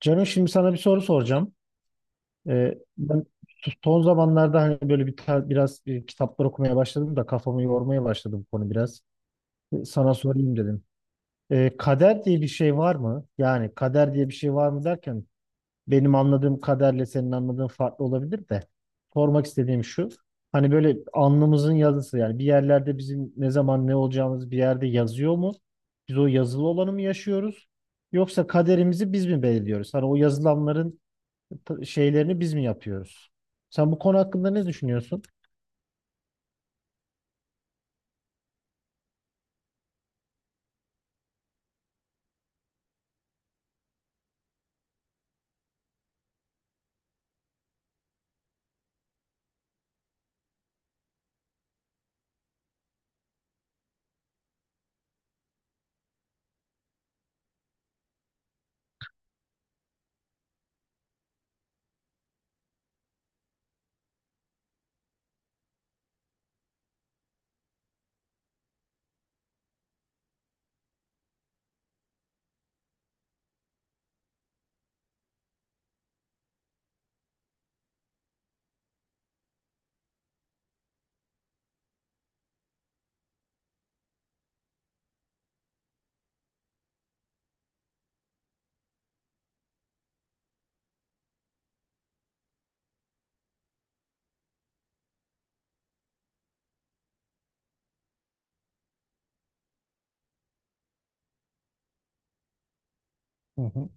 Canım şimdi sana bir soru soracağım. Ben son zamanlarda hani böyle biraz kitaplar okumaya başladım da kafamı yormaya başladım bu konu biraz. E, Sana sorayım dedim. Kader diye bir şey var mı? Yani kader diye bir şey var mı derken benim anladığım kaderle senin anladığın farklı olabilir de. Sormak istediğim şu. Hani böyle alnımızın yazısı, yani bir yerlerde bizim ne zaman ne olacağımız bir yerde yazıyor mu? Biz o yazılı olanı mı yaşıyoruz? Yoksa kaderimizi biz mi belirliyoruz? Hani o yazılanların şeylerini biz mi yapıyoruz? Sen bu konu hakkında ne düşünüyorsun? Hı hı.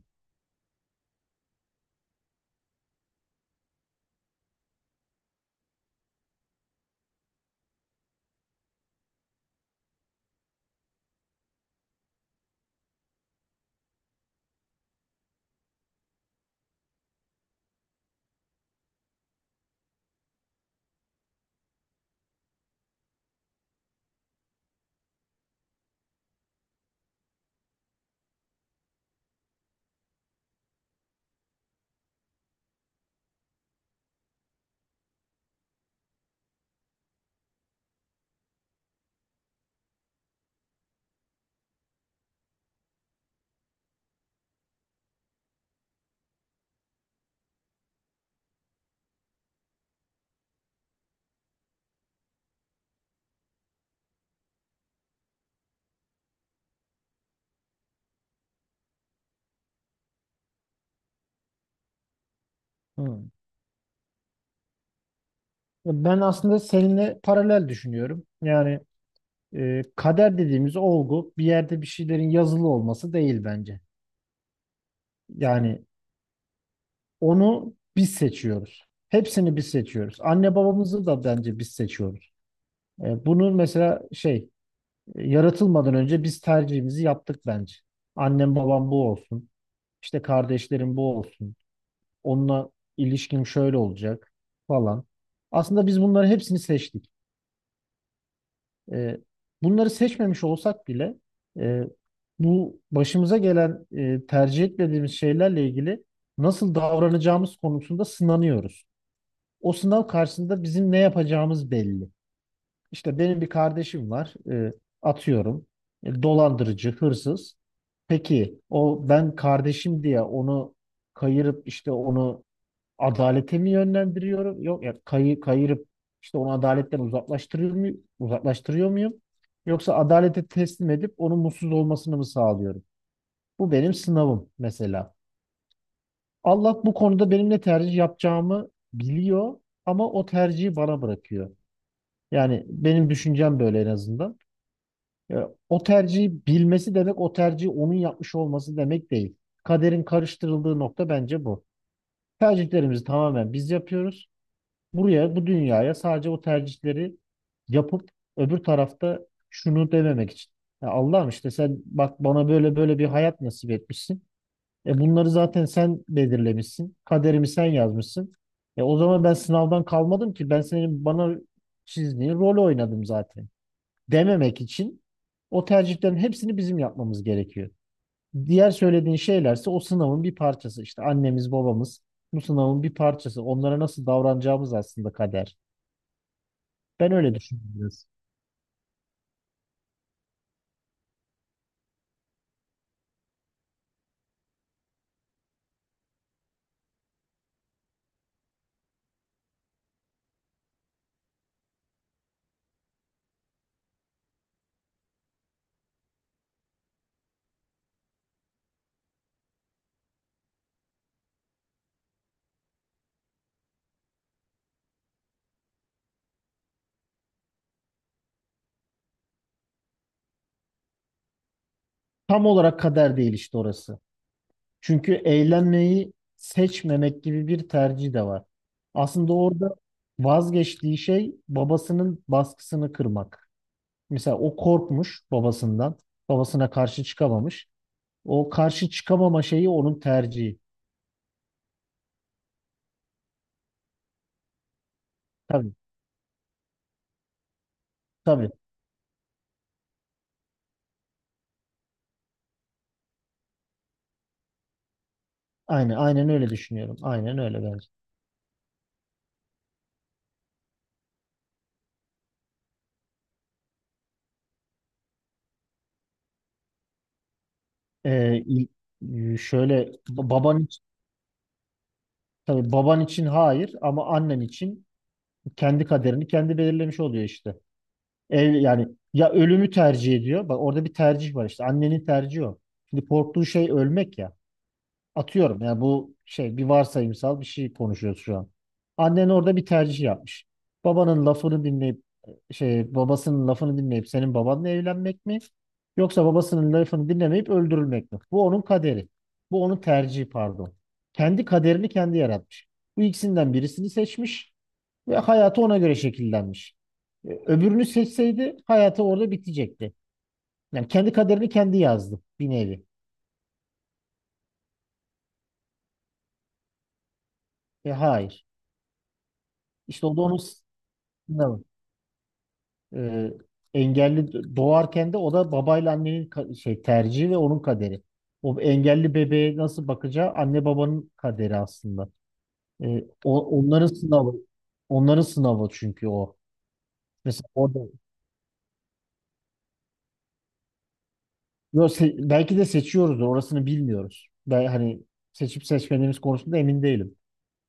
Hı. Ben aslında seninle paralel düşünüyorum. Yani kader dediğimiz olgu bir yerde bir şeylerin yazılı olması değil bence. Yani onu biz seçiyoruz. Hepsini biz seçiyoruz. Anne babamızı da bence biz seçiyoruz. E, bunu mesela şey, yaratılmadan önce biz tercihimizi yaptık bence. Annem babam bu olsun. İşte kardeşlerim bu olsun. Onunla ilişkim şöyle olacak falan. Aslında biz bunları hepsini seçtik. E, bunları seçmemiş olsak bile e, bu başımıza gelen, tercih etmediğimiz şeylerle ilgili nasıl davranacağımız konusunda sınanıyoruz. O sınav karşısında bizim ne yapacağımız belli. İşte benim bir kardeşim var, atıyorum, dolandırıcı, hırsız. Peki o, ben kardeşim diye onu kayırıp işte onu adalete mi yönlendiriyorum? Yok ya kayırıp işte onu adaletten uzaklaştırıyor muyum? Uzaklaştırıyor muyum? Yoksa adalete teslim edip onun mutsuz olmasını mı sağlıyorum? Bu benim sınavım mesela. Allah bu konuda benim ne tercih yapacağımı biliyor ama o tercihi bana bırakıyor. Yani benim düşüncem böyle en azından. Ya, o tercihi bilmesi demek o tercihi onun yapmış olması demek değil. Kaderin karıştırıldığı nokta bence bu. Tercihlerimizi tamamen biz yapıyoruz. Buraya, bu dünyaya sadece o tercihleri yapıp öbür tarafta şunu dememek için. Ya Allah'ım, işte sen bak bana böyle böyle bir hayat nasip etmişsin. E bunları zaten sen belirlemişsin. Kaderimi sen yazmışsın. E o zaman ben sınavdan kalmadım ki. Ben senin bana çizdiğin rolü oynadım zaten. Dememek için o tercihlerin hepsini bizim yapmamız gerekiyor. Diğer söylediğin şeylerse o sınavın bir parçası. İşte annemiz, babamız bu sınavın bir parçası. Onlara nasıl davranacağımız aslında kader. Ben öyle düşünüyorum biraz. Tam olarak kader değil işte orası. Çünkü eğlenmeyi seçmemek gibi bir tercih de var. Aslında orada vazgeçtiği şey babasının baskısını kırmak. Mesela o korkmuş babasından. Babasına karşı çıkamamış. O karşı çıkamama şeyi onun tercihi. Tabii, tabii. Aynen, aynen öyle düşünüyorum. Aynen öyle bence. Ee, il- Şöyle, baban için, tabii baban için hayır ama annen için kendi kaderini kendi belirlemiş oluyor işte. Yani ya ölümü tercih ediyor. Bak orada bir tercih var işte. Annenin tercihi o. Şimdi korktuğu şey ölmek ya. Atıyorum, yani bu şey, bir varsayımsal bir şey konuşuyoruz şu an. Annen orada bir tercih yapmış. Babanın lafını dinleyip şey, babasının lafını dinleyip senin babanla evlenmek mi? Yoksa babasının lafını dinlemeyip öldürülmek mi? Bu onun kaderi. Bu onun tercihi, pardon. Kendi kaderini kendi yaratmış. Bu ikisinden birisini seçmiş. Ve hayatı ona göre şekillenmiş. E, Öbürünü seçseydi hayatı orada bitecekti. Yani kendi kaderini kendi yazdı bir nevi. E, hayır. İşte o da onun sınavı. E, engelli doğarken de o da babayla annenin şey, tercihi ve onun kaderi. O engelli bebeğe nasıl bakacağı anne babanın kaderi aslında. E, o, onların sınavı. Onların sınavı çünkü o. Mesela orada, yo, belki de seçiyoruz da orasını bilmiyoruz. Ben hani seçip seçmediğimiz konusunda emin değilim.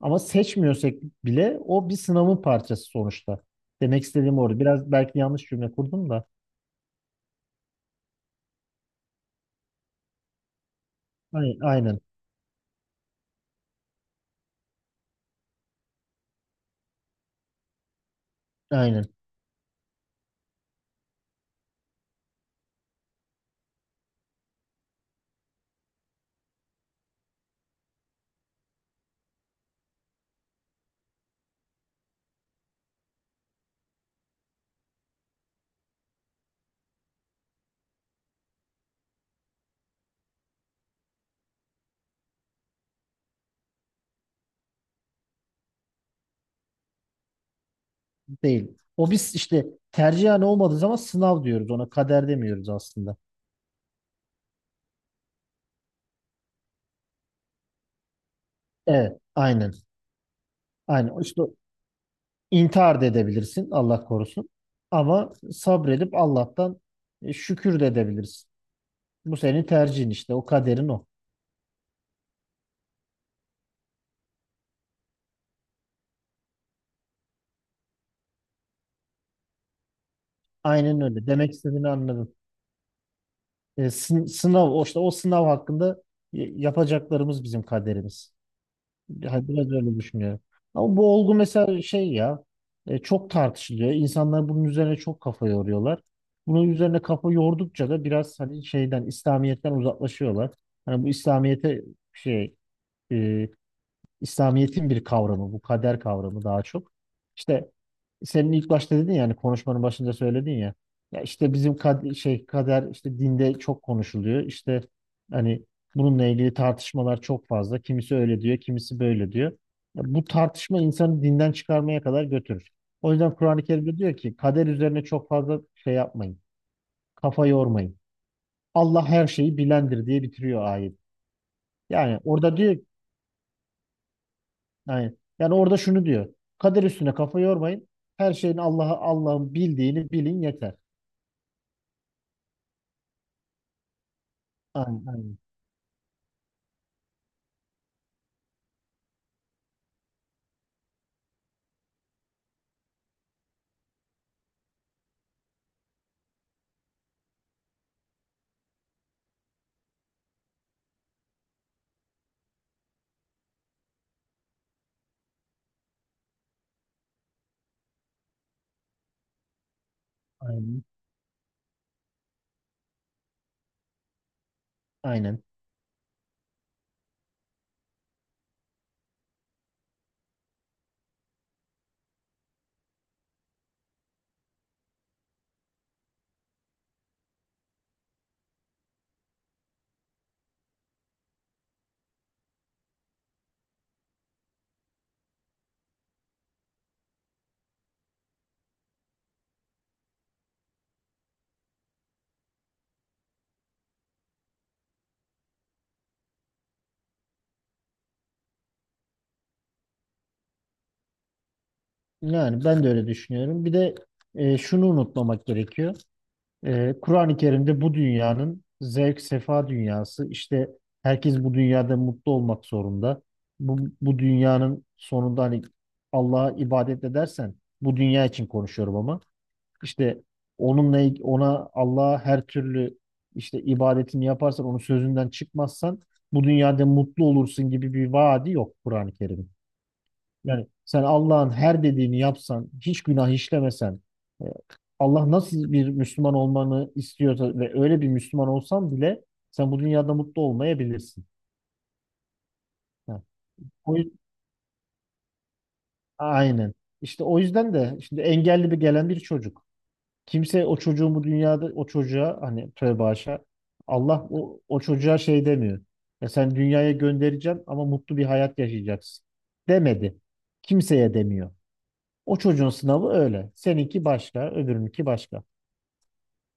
Ama seçmiyorsak bile o bir sınavın parçası sonuçta. Demek istediğim orada. Biraz belki yanlış cümle kurdum da. Aynen, aynen, değil. O biz işte tercihen olmadığı zaman sınav diyoruz, ona kader demiyoruz aslında. Evet, aynen, aynen. İşte intihar da edebilirsin, Allah korusun. Ama sabredip Allah'tan şükür de edebilirsin. Bu senin tercihin işte, o kaderin o. Aynen öyle. Demek istediğini anladım. Sınav, o işte o sınav hakkında yapacaklarımız bizim kaderimiz. Yani biraz öyle düşünüyorum. Ama bu olgu mesela şey ya, çok tartışılıyor. İnsanlar bunun üzerine çok kafa yoruyorlar. Bunun üzerine kafa yordukça da biraz hani şeyden, İslamiyet'ten uzaklaşıyorlar. Hani bu İslamiyet'e şey, e, İslamiyet'in bir kavramı bu kader kavramı daha çok. İşte senin ilk başta dedin, yani konuşmanın başında söyledin ya. Ya işte bizim şey, kader işte dinde çok konuşuluyor. İşte hani bununla ilgili tartışmalar çok fazla. Kimisi öyle diyor, kimisi böyle diyor. Ya bu tartışma insanı dinden çıkarmaya kadar götürür. O yüzden Kur'an-ı Kerim'de diyor ki kader üzerine çok fazla şey yapmayın. Kafa yormayın. Allah her şeyi bilendir diye bitiriyor ayet. Yani orada diyor yani, yani orada şunu diyor. Kader üstüne kafa yormayın. Her şeyin Allah'a, Allah'ın bildiğini bilin yeter. Aynen, aynen. Aynen. Aynen. Yani ben de öyle düşünüyorum. Bir de şunu unutmamak gerekiyor. E, Kur'an-ı Kerim'de bu dünyanın zevk sefa dünyası. İşte herkes bu dünyada mutlu olmak zorunda. Bu dünyanın sonunda hani Allah'a ibadet edersen, bu dünya için konuşuyorum ama, işte onunla ona, Allah'a her türlü işte ibadetini yaparsan, onun sözünden çıkmazsan bu dünyada mutlu olursun gibi bir vaadi yok Kur'an-ı Kerim'in. Yani sen Allah'ın her dediğini yapsan, hiç günah işlemesen, e, Allah nasıl bir Müslüman olmanı istiyorsa ve öyle bir Müslüman olsan bile sen bu dünyada mutlu olmayabilirsin. Ha. O, yüz- aynen. İşte o yüzden de şimdi engelli bir gelen bir çocuk. Kimse o çocuğun bu dünyada o çocuğa hani, tövbe haşa, Allah o, o çocuğa şey demiyor. Ya sen, dünyaya göndereceğim ama mutlu bir hayat yaşayacaksın demedi. Kimseye demiyor. O çocuğun sınavı öyle. Seninki başka, öbürününki başka.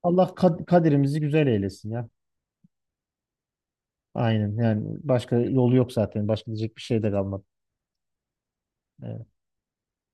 Allah kaderimizi güzel eylesin ya. Aynen, yani başka yolu yok zaten. Başka diyecek bir şey de kalmadı. Ee,